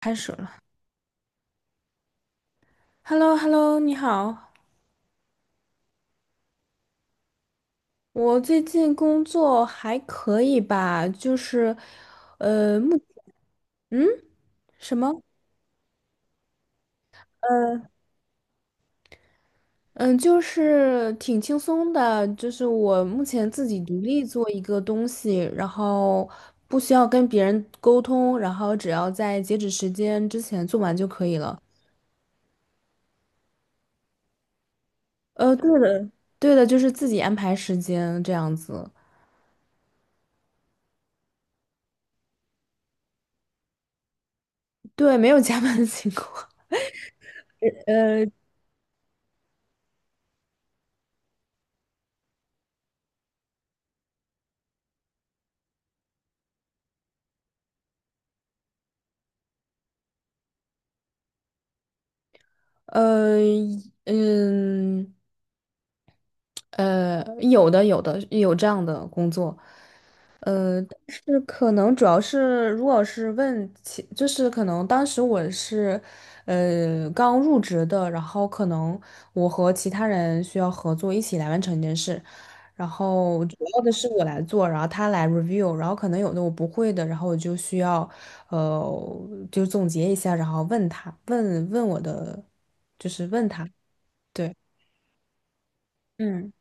开始了。h e l l o h e l l o 你好。我最近工作还可以吧，就是，呃，目，嗯，什么？嗯，就是挺轻松的，就是我目前自己独立做一个东西，然后不需要跟别人沟通，然后只要在截止时间之前做完就可以了。对的，对的，就是自己安排时间这样子，对，没有加班的情况。呃呃，嗯。有的，有的，有这样的工作，但是可能主要是，如果是问其，就是可能当时我是，刚入职的，然后可能我和其他人需要合作一起来完成一件事，然后主要的是我来做，然后他来 review，然后可能有的我不会的，然后我就需要，呃，就总结一下，然后问他，问问我的，就是问他，对，嗯。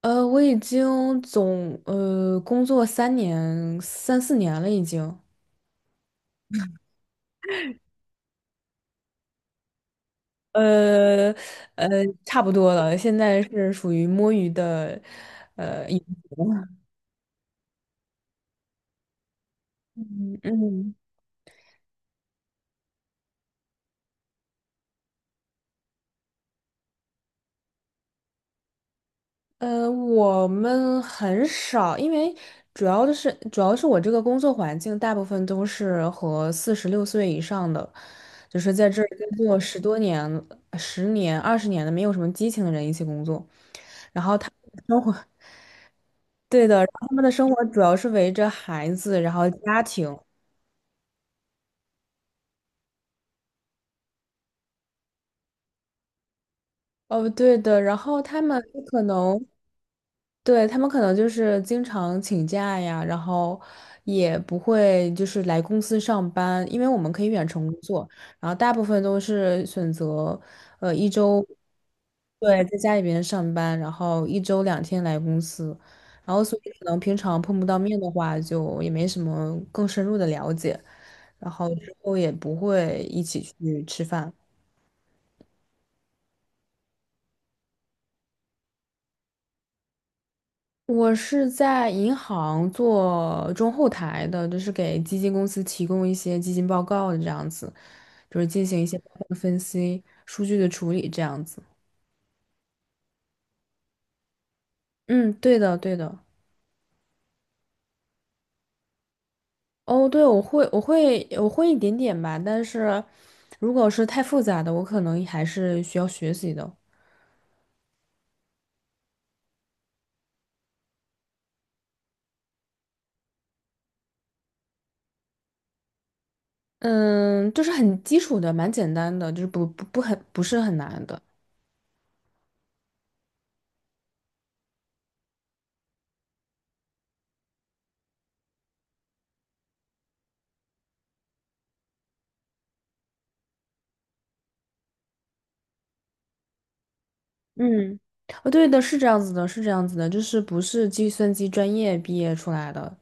我已经工作三四年了，已经，呃呃，差不多了。现在是属于摸鱼的，嗯嗯，我们很少，因为主要是我这个工作环境大部分都是和46岁以上的，就是在这儿工作10多年、十年、20年的，没有什么激情的人一起工作，生活。对的，然后他们的生活主要是围着孩子，然后家庭。哦，对的，然后他们可能对，他们可能就是经常请假呀，然后也不会就是来公司上班，因为我们可以远程工作，然后大部分都是选择，呃，一周，对，在家里边上班，然后一周两天来公司，然后所以可能平常碰不到面的话，就也没什么更深入的了解，然后之后也不会一起去吃饭。我是在银行做中后台的，就是给基金公司提供一些基金报告的这样子，就是进行一些报告分析、数据的处理这样子。嗯，对的，对的。哦，对，我会，我会，我会一点点吧，但是如果是太复杂的，我可能还是需要学习的。嗯，就是很基础的，蛮简单的，就是不是很难的。嗯，哦，对的，是这样子的，是这样子的，就是不是计算机专业毕业出来的。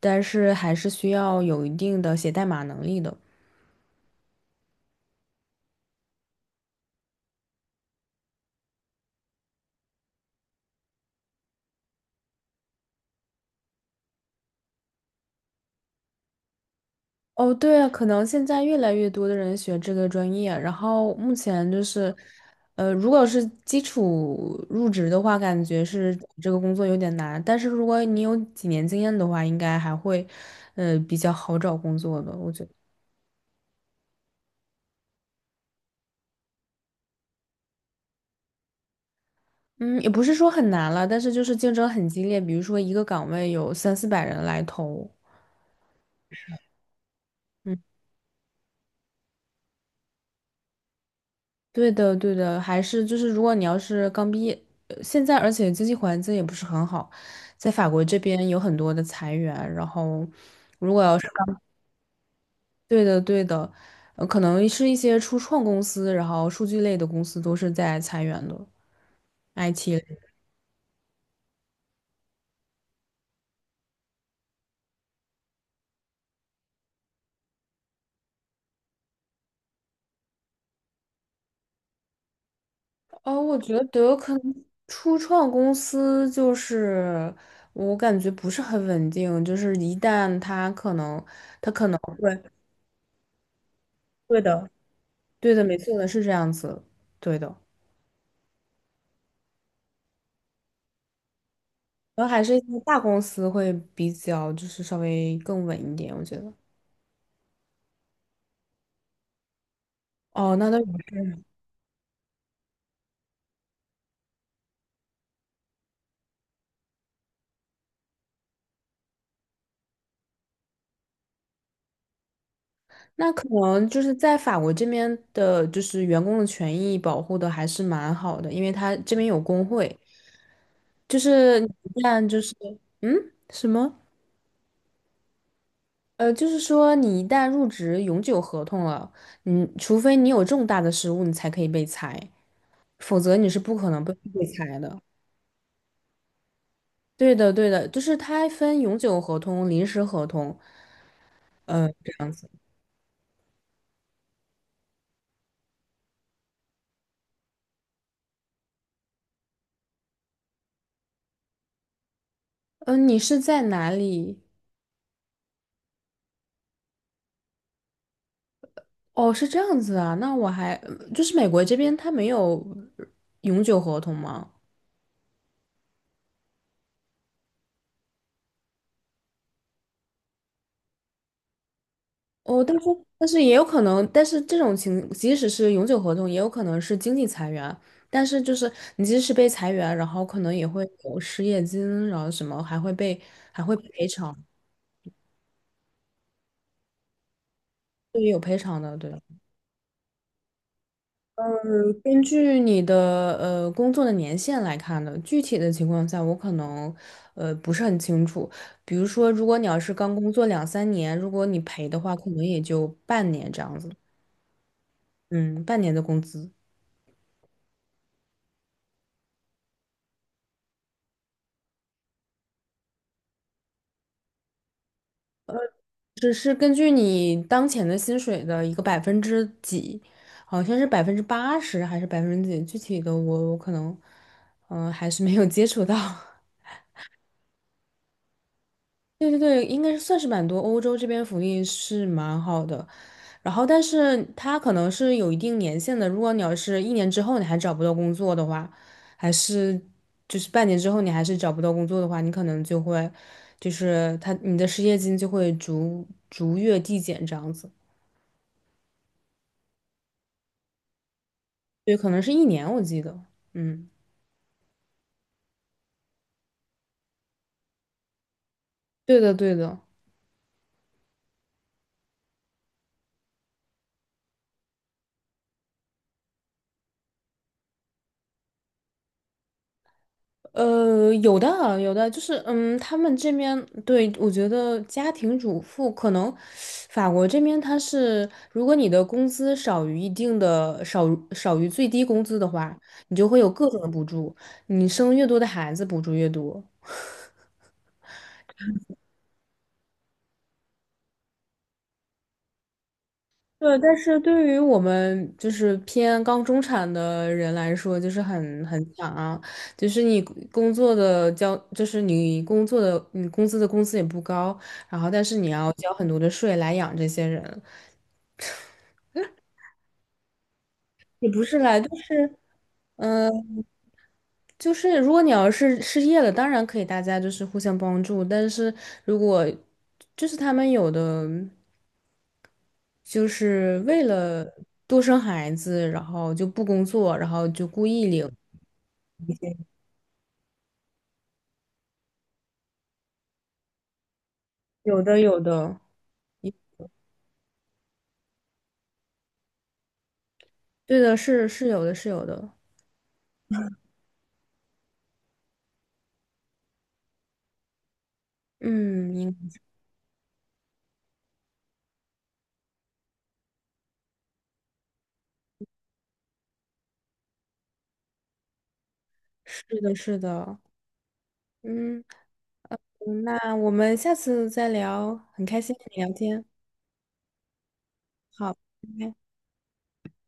但是还是需要有一定的写代码能力的。哦，对啊，可能现在越来越多的人学这个专业，然后目前就是，如果是基础入职的话，感觉是这个工作有点难，但是如果你有几年经验的话，应该还会，比较好找工作的，我觉得。嗯，也不是说很难了，但是就是竞争很激烈，比如说一个岗位有三四百人来投。嗯。对的，对的，还是就是，如果你要是刚毕业，现在而且经济环境也不是很好，在法国这边有很多的裁员，然后如果要是刚对的，对的，可能是一些初创公司，然后数据类的公司都是在裁员的，IT 类。哦，我觉得可能初创公司就是我感觉不是很稳定，就是一旦它可能，对，对的，对的，没错的，是这样子，对的。然后还是一些大公司会比较就是稍微更稳一点，我觉得。哦，那倒也是。那可能就是在法国这边的，就是员工的权益保护的还是蛮好的，因为他这边有工会，就是你一旦就是嗯什么呃，就是说你一旦入职永久合同了，你除非你有重大的失误，你才可以被裁，否则你是不可能被裁的。对的，对的，就是它分永久合同、临时合同。这样子。嗯，你是在哪里？哦，是这样子啊，那我还就是美国这边它没有永久合同吗？哦，但是也有可能，但是这种情即使是永久合同，也有可能是经济裁员。但是就是你即使被裁员，然后可能也会有失业金，然后什么还会被还会赔偿，对，有赔偿的，对。根据你的工作的年限来看的，具体的情况下我可能不是很清楚。比如说，如果你要是刚工作两三年，如果你赔的话，可能也就半年这样子，嗯，半年的工资，只是根据你当前的薪水的一个百分之几，好像是80%还是百分之几，具体的我可能还是没有接触到。对对对，应该是算是蛮多。欧洲这边福利是蛮好的，然后但是它可能是有一定年限的。如果你要是一年之后你还找不到工作的话，还是就是半年之后你还是找不到工作的话，你可能就会就是他你的失业金就会逐月递减这样子。对，可能是一年我记得。嗯，对的对的。有的啊，有的，就是嗯，他们这边对我觉得家庭主妇可能，法国这边他是，如果你的工资少于一定的少于最低工资的话，你就会有各种的补助，你生越多的孩子补助越多。对，但是对于我们就是偏刚中产的人来说，就是很惨啊。就是你工作的交，就是你工作的，你工资的工资也不高，然后但是你要交很多的税来养这些人，也不是来，就是嗯、就是如果你要是失业了，当然可以大家就是互相帮助，但是如果就是他们有的就是为了多生孩子，然后就不工作，然后就故意领，有的有的。对的，是有的，是有的。嗯，是的，是的。嗯，那我们下次再聊，很开心跟你聊天。好，拜拜。